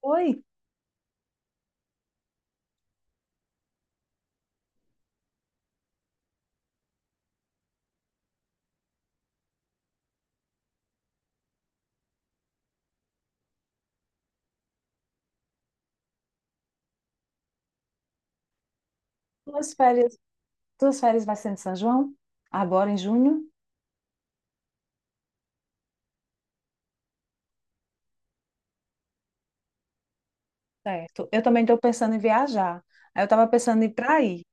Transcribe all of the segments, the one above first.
Oi, tuas férias, tuas férias vai ser em São João? Agora em junho? Certo. Eu também estou pensando em viajar. Aí eu estava pensando em ir para aí,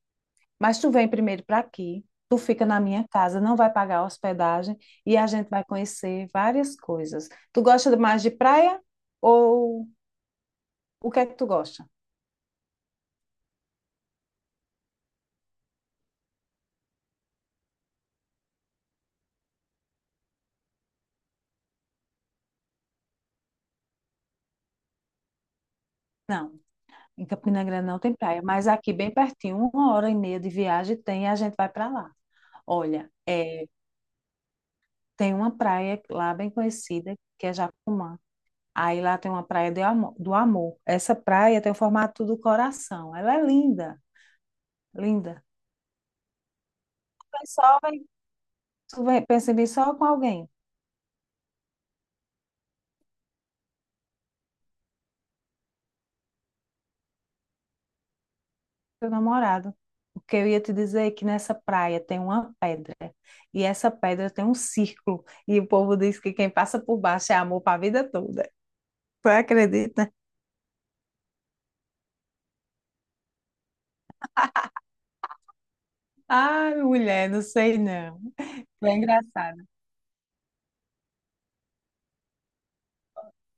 mas tu vem primeiro para aqui, tu fica na minha casa, não vai pagar hospedagem e a gente vai conhecer várias coisas. Tu gosta mais de praia ou o que é que tu gosta? Não, em Campina Grande não tem praia, mas aqui bem pertinho, uma hora e meia de viagem tem e a gente vai para lá. Olha, é, tem uma praia lá bem conhecida que é Jacumã. Aí lá tem uma praia do amor. Essa praia tem o formato do coração. Ela é linda, linda. Mas só vai, tu vai, pensa em vir só com alguém, teu namorado. Porque eu ia te dizer que nessa praia tem uma pedra. E essa pedra tem um círculo. E o povo diz que quem passa por baixo é amor para a vida toda. Tu acredita? Ai, mulher, não sei não. Tu é engraçada.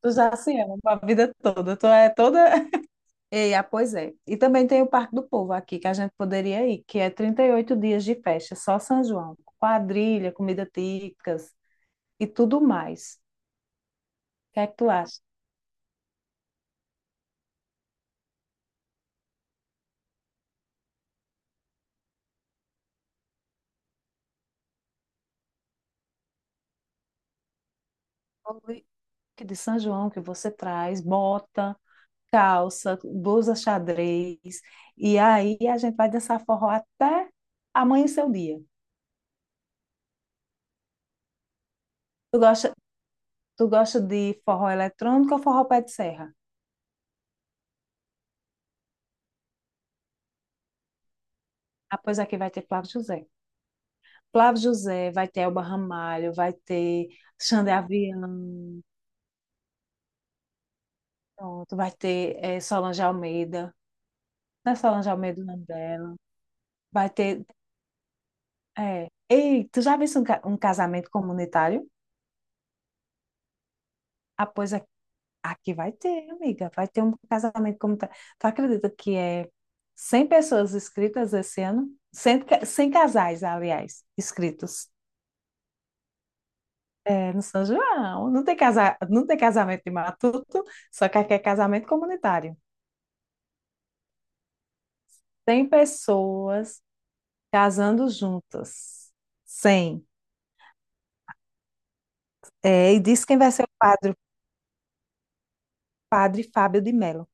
Tu já se ama para a vida toda. Tu é toda. Ei, ah, pois é. E também tem o Parque do Povo aqui, que a gente poderia ir, que é 38 dias de festa, só São João. Quadrilha, comida típicas e tudo mais. O que é que tu acha? Oi, que de São João que você traz, bota, calça, blusa xadrez. E aí a gente vai dançar forró até amanhecer o dia. Tu gosta, tu gosta de forró eletrônico ou forró pé de serra? Ah, pois aqui vai ter Flávio José. Flávio José, vai ter Elba Ramalho, vai ter Xande Avião, pronto, vai ter Solange Almeida. Não é Solange Almeida o nome dela. Vai ter. É. Ei, tu já viste um casamento comunitário? Ah, pois aqui, aqui vai ter, amiga. Vai ter um casamento comunitário. Tu acredita que é 100 pessoas inscritas esse ano? 100, 100 casais, aliás, inscritos. É, no São João. Não tem, não tem casamento de matuto, só que aqui é casamento comunitário. 100 pessoas casando juntas. 100. É, e disse quem vai ser o padre Fábio de Mello.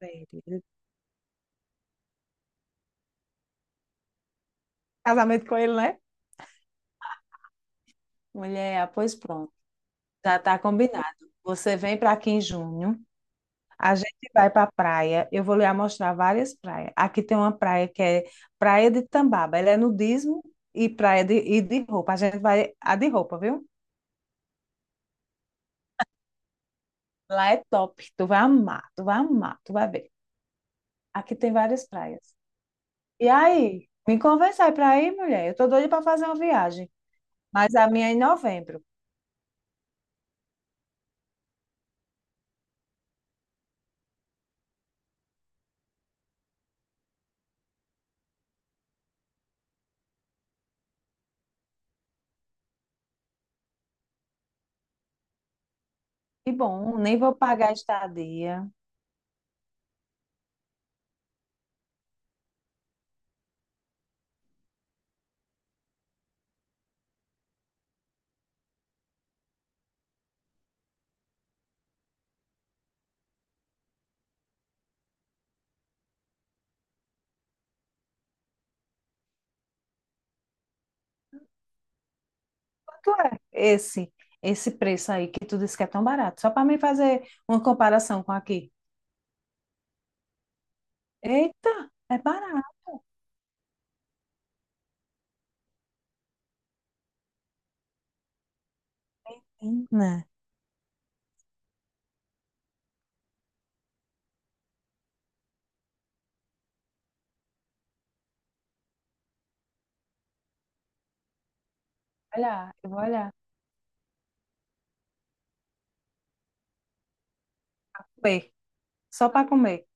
Sério. Casamento com ele, né? Mulher, ah, pois pronto, já está combinado. Você vem para aqui em junho, a gente vai para a praia, eu vou lhe mostrar várias praias. Aqui tem uma praia que é Praia de Tambaba, ela é nudismo e praia de roupa. A gente vai, a de roupa, viu? Lá é top, tu vai amar, tu vai amar, tu vai ver. Aqui tem várias praias. E aí, me convence aí pra ir, mulher. Eu tô doida pra fazer uma viagem, mas a minha é em novembro. E bom, nem vou pagar estadia. Quanto é esse esse preço aí que tu disse que é tão barato? Só pra mim fazer uma comparação com aqui. Eita, é barato, hein? Né? Olha, eu vou olhar. Comer, só para comer.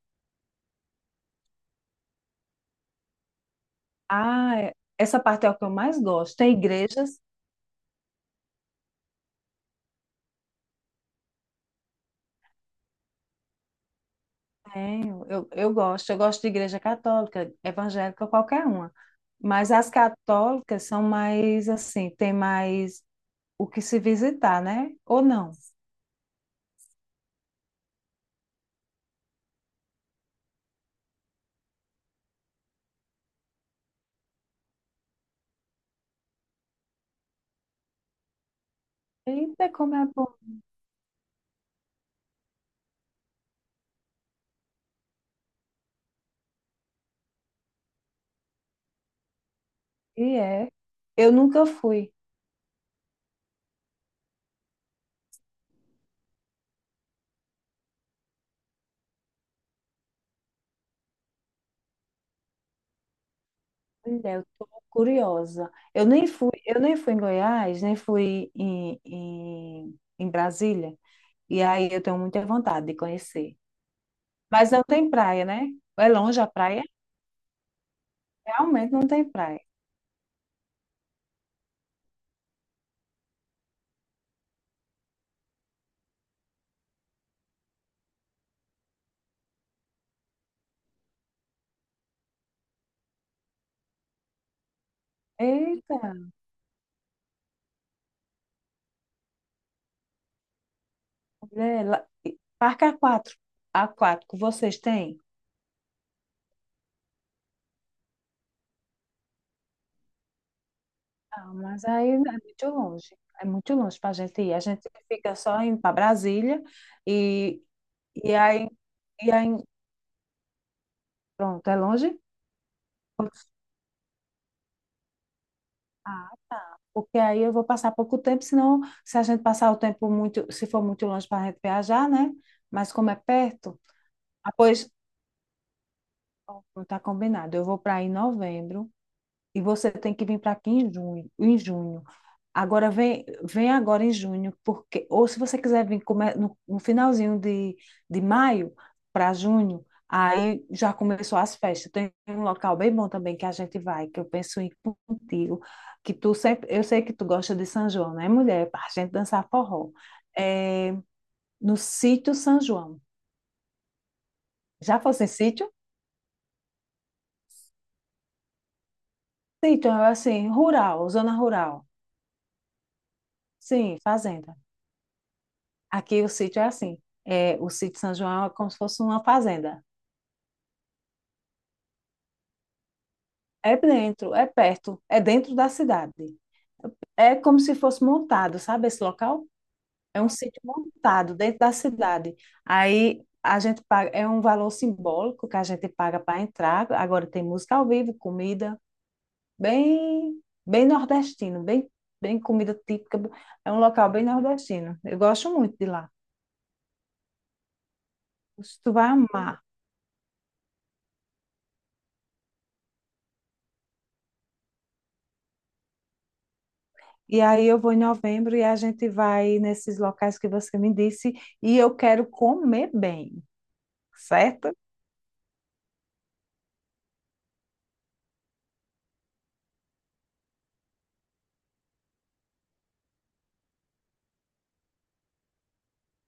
Ah, é- essa parte é o que eu mais gosto. Tem igrejas. Tenho, eu gosto, eu gosto de igreja católica, evangélica, qualquer uma. Mas as católicas são mais assim, tem mais o que se visitar, né? Ou não? Eita, como é bom. E é. Eu nunca fui. Mulher, eu tô curiosa. Eu nem fui em Goiás, nem fui em Brasília. E aí eu tenho muita vontade de conhecer. Mas não tem praia, né? É longe a praia? Realmente não tem praia. Eita. Mulher, lá- Parque a quatro aquático, vocês têm? Ah, mas aí é muito longe. É muito longe para a gente ir. A gente fica só indo para Brasília e, e aí, e aí, pronto, é longe? Ah, tá. Porque aí eu vou passar pouco tempo, senão, se a gente passar o tempo muito, se for muito longe para a gente viajar, né? Mas como é perto, ah, pois, não tá combinado. Eu vou para aí em novembro, e você tem que vir para aqui em junho, em junho. Agora vem, vem agora em junho, porque ou se você quiser vir no finalzinho de maio para junho, aí já começou as festas. Tem um local bem bom também que a gente vai, que eu penso em ir contigo, que tu sempre, eu sei que tu gosta de São João, né, mulher? Para a gente dançar forró. É, no sítio São João. Já fosse em sítio? Sítio, assim, rural, zona rural. Sim, fazenda. Aqui o sítio é assim. É, o sítio São João é como se fosse uma fazenda. É dentro, é perto, é dentro da cidade. É como se fosse montado, sabe esse local? É um sítio montado dentro da cidade. Aí a gente paga, é um valor simbólico que a gente paga para entrar. Agora tem música ao vivo, comida, bem, bem nordestino, bem, bem comida típica. É um local bem nordestino. Eu gosto muito de lá. Tu vai amar. E aí eu vou em novembro e a gente vai nesses locais que você me disse e eu quero comer bem, certo?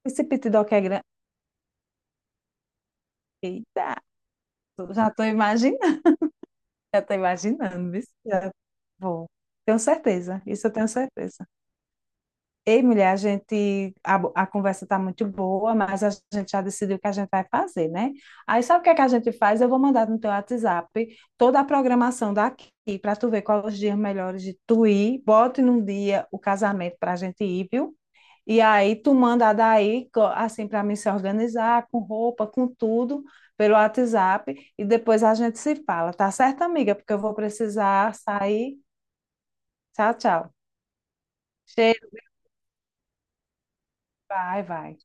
Esse pitidoque é grande. Eita, já estou imaginando, já estou imaginando, viu? Já vou. Tenho certeza, isso eu tenho certeza. Ei, mulher, a gente, a conversa tá muito boa, mas a gente já decidiu o que a gente vai fazer, né? Aí sabe o que é que a gente faz? Eu vou mandar no teu WhatsApp toda a programação daqui para tu ver quais os dias melhores de tu ir. Bote num dia o casamento para a gente ir, viu? E aí tu manda daí, assim, para mim se organizar, com roupa, com tudo, pelo WhatsApp. E depois a gente se fala, tá certo, amiga? Porque eu vou precisar sair. Tchau, tchau. Cheiro, vai, vai.